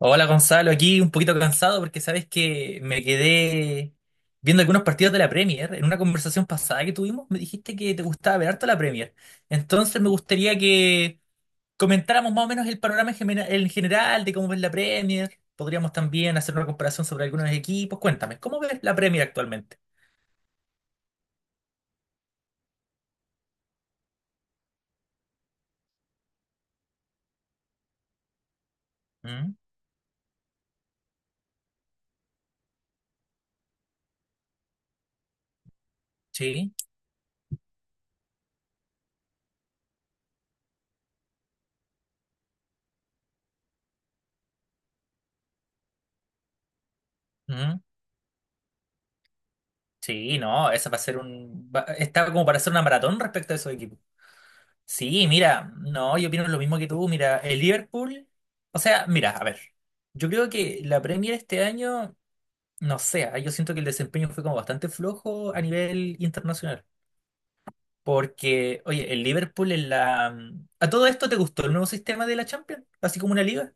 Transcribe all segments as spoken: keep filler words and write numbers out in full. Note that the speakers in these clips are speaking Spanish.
Hola Gonzalo, aquí un poquito cansado porque sabes que me quedé viendo algunos partidos de la Premier. En una conversación pasada que tuvimos me dijiste que te gustaba ver harto la Premier. Entonces me gustaría que comentáramos más o menos el panorama en gemena- en general de cómo ves la Premier. Podríamos también hacer una comparación sobre algunos equipos. Cuéntame, ¿cómo ves la Premier actualmente? ¿Mm? ¿Sí? ¿Mm? Sí, no, esa va a ser un... va- está como para hacer una maratón respecto a esos equipos. Sí, mira, no, yo opino lo mismo que tú. Mira, el Liverpool, o sea, mira, a ver, yo creo que la Premier este año, no sé, ah, yo siento que el desempeño fue como bastante flojo a nivel internacional. Porque, oye, el Liverpool en la... mm, ¿a todo esto te gustó el nuevo sistema de la Champions? Así como una liga.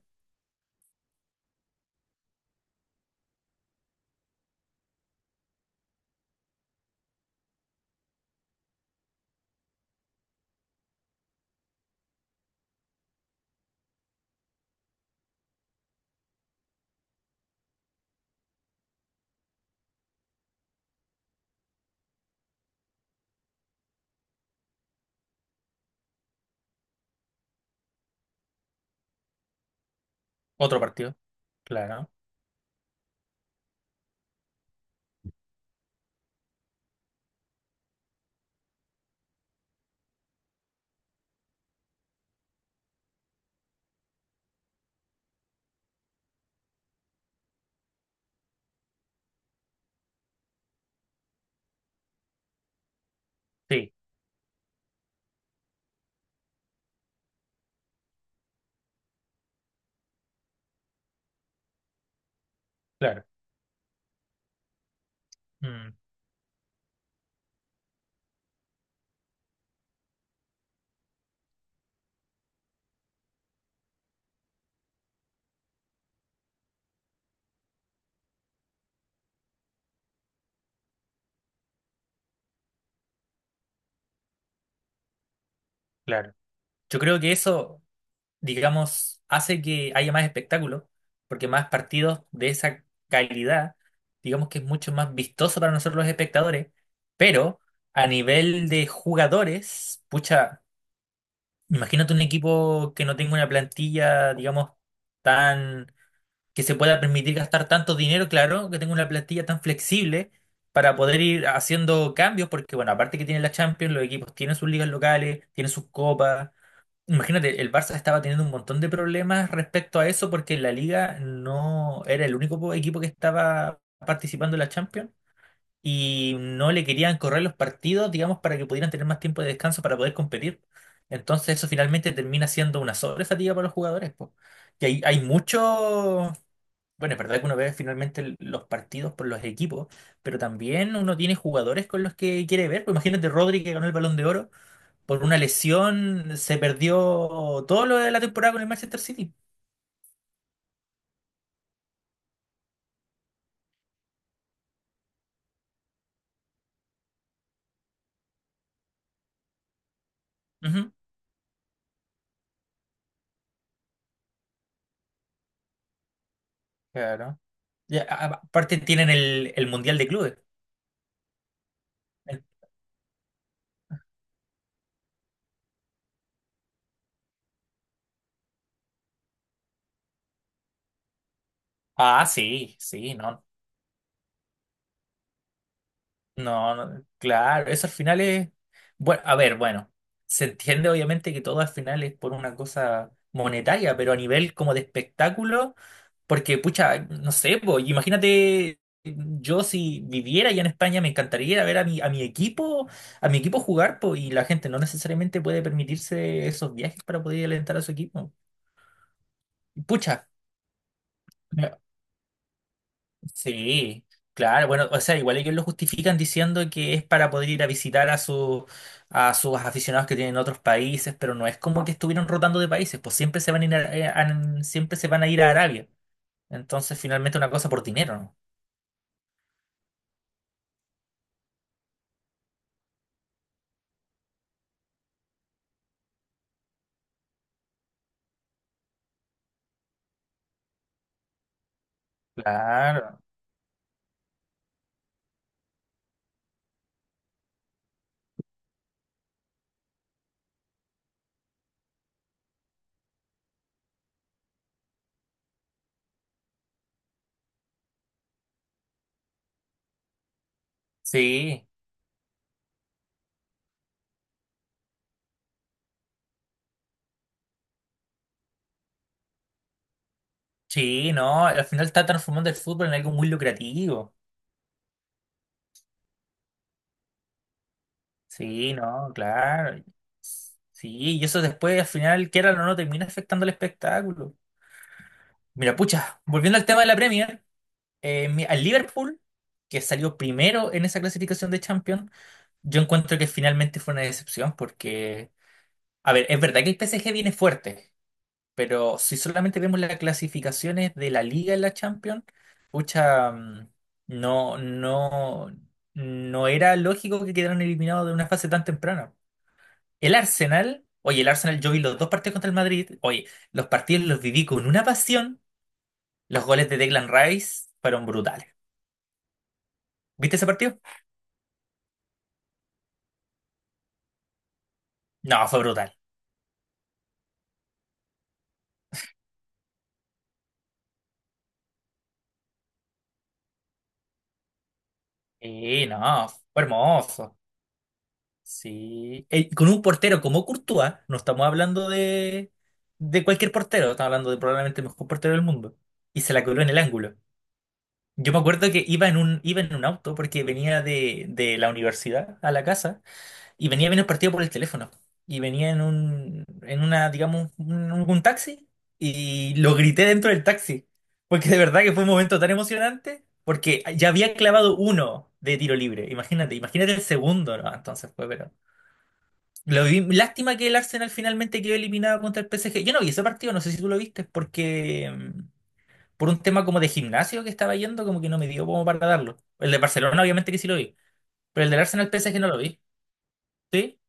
Otro partido. Claro. Sí, claro. Mm, claro. Yo creo que eso, digamos, hace que haya más espectáculo, porque más partidos de esa calidad, digamos que es mucho más vistoso para nosotros los espectadores, pero a nivel de jugadores, pucha, imagínate un equipo que no tenga una plantilla, digamos, tan, que se pueda permitir gastar tanto dinero, claro, que tenga una plantilla tan flexible, para poder ir haciendo cambios, porque bueno, aparte que tiene la Champions, los equipos tienen sus ligas locales, tienen sus copas. Imagínate, el Barça estaba teniendo un montón de problemas respecto a eso porque la Liga no era el único equipo que estaba participando en la Champions y no le querían correr los partidos, digamos, para que pudieran tener más tiempo de descanso para poder competir. Entonces eso finalmente termina siendo una sobrefatiga para los jugadores, po. Y hay, hay mucho... Bueno, es verdad que uno ve finalmente el- los partidos por los equipos, pero también uno tiene jugadores con los que quiere ver. Pues imagínate Rodri, que ganó el Balón de Oro, por una lesión se perdió todo lo de la temporada con el Manchester City. Ujú. Claro. Ya, a- a- aparte tienen el, el Mundial de Clubes. El- Ah, sí, sí, no. No, no, claro, eso al final es... Bueno, a ver, bueno, se entiende obviamente que todo al final es por una cosa monetaria, pero a nivel como de espectáculo... Porque, pucha, no sé, po, imagínate, yo si viviera ya en España, me encantaría ir a ver a mi, a mi equipo, a mi equipo jugar, po, y la gente no necesariamente puede permitirse esos viajes para poder alentar a su equipo. Pucha, me- sí, claro, bueno, o sea, igual ellos lo justifican diciendo que es para poder ir a visitar a su, a sus aficionados que tienen en otros países, pero no es como que estuvieron rotando de países, pues siempre se van a ir a- a- a- siempre se van a ir a Arabia. Entonces, finalmente una cosa por dinero, ¿no? Claro. Sí, sí, no, al final está transformando el fútbol en algo muy lucrativo. Sí, no, claro. Sí, y eso después al final, quieran o no, termina afectando el espectáculo. Mira, pucha, volviendo al tema de la Premier, eh, mi- al Liverpool, que salió primero en esa clasificación de Champions, yo encuentro que finalmente fue una decepción porque, a ver, es verdad que el P S G viene fuerte. Pero si solamente vemos las clasificaciones de la Liga en la Champions, pucha, mm, no, no, no era lógico que quedaran eliminados de una fase tan temprana. El Arsenal, oye, el Arsenal, yo vi los dos partidos contra el Madrid, oye, los partidos los viví con una pasión. Los goles de Declan Rice fueron brutales. ¿Viste ese partido? No, fue brutal. Sí, no, fue hermoso. Sí. Eh, con un portero como Courtois, no estamos hablando de, de cualquier portero, estamos hablando de probablemente el mejor portero del mundo. Y se la coló en el ángulo. Yo me acuerdo que iba en un, iba en un auto porque venía de, de la universidad a la casa y venía viendo el partido por el teléfono. Y venía en un, en una, digamos, un, un taxi y lo grité dentro del taxi. Porque de verdad que fue un momento tan emocionante porque ya había clavado uno de tiro libre. Imagínate, imagínate el segundo, ¿no? Entonces fue, pero... Lo vi- Lástima que el Arsenal finalmente quedó eliminado contra el P S G. Yo no vi ese partido, no sé si tú lo viste, porque mm, por un tema como de gimnasio que estaba yendo, como que no me dio como para darlo. El de Barcelona, obviamente que sí lo vi, pero el del Arsenal P S G no lo vi. ¿Sí?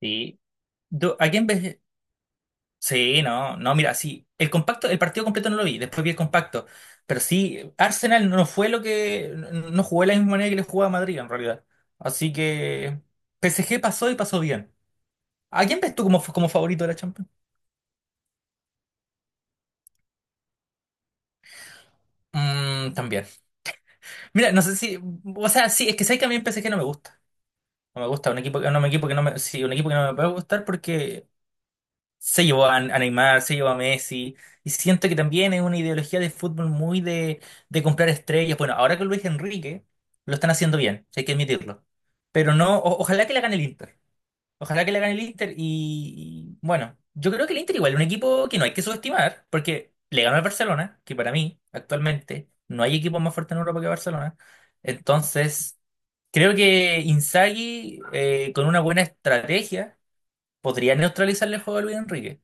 Sí. Do- ¿A quién ves? Sí, no, no, mira, sí, el compacto, el partido completo no lo vi, después vi el compacto, pero sí, Arsenal no fue lo que, no jugó de la misma manera que le jugaba a Madrid en realidad, así que P S G pasó y pasó bien. ¿A quién ves tú como, como favorito de la Champions? Mm, también. Mira, no sé si. O sea, sí, es que sé que a mí el P S G no me gusta. No me gusta. Un equipo que, no, un equipo que no me. Sí, un equipo que no me puede gustar porque se llevó a, a Neymar, se llevó a Messi. Y siento que también es una ideología de fútbol muy de, de comprar estrellas. Bueno, ahora con Luis Enrique lo están haciendo bien, hay que admitirlo. Pero no, o- ojalá que la gane el Inter. Ojalá que le gane el Inter y, y, bueno, yo creo que el Inter igual es un equipo que no hay que subestimar porque le ganó al Barcelona, que para mí actualmente no hay equipo más fuerte en Europa que Barcelona. Entonces, creo que Inzaghi, eh, con una buena estrategia podría neutralizarle el juego a Luis Enrique.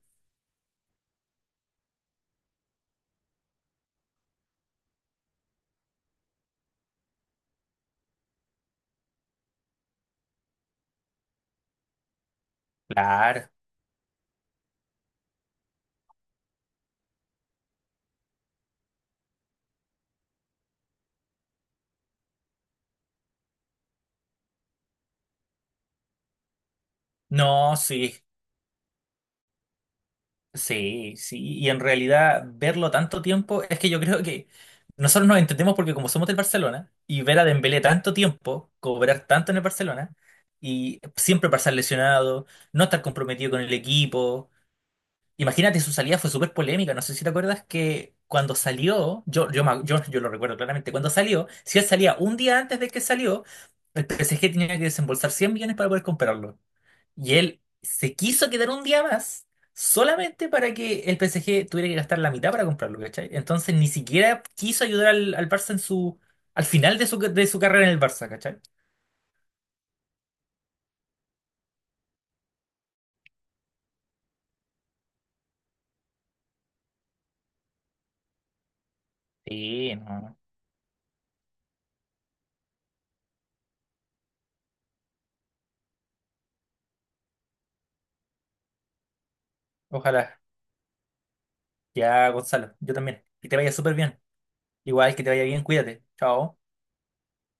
Claro. No, sí. Sí, sí, y en realidad verlo tanto tiempo, es que yo creo que nosotros nos entendemos porque como somos del Barcelona y ver a Dembélé tanto tiempo, cobrar tanto en el Barcelona y siempre pasar lesionado, no estar comprometido con el equipo. Imagínate, su salida fue súper polémica, no sé si te acuerdas que cuando salió, yo, yo, me- yo, yo lo recuerdo claramente, cuando salió, si él salía un día antes de que salió, el P S G tenía que desembolsar cien millones para poder comprarlo. Y él se quiso quedar un día más solamente para que el P S G tuviera que gastar la mitad para comprarlo, ¿cachai? Entonces ni siquiera quiso ayudar al, al Barça en su, al final de su, de su carrera en el Barça, ¿cachai? Sí, no. Ojalá. Ya, Gonzalo, yo también. Que te vaya súper bien. Igual que te vaya bien, cuídate. Chao.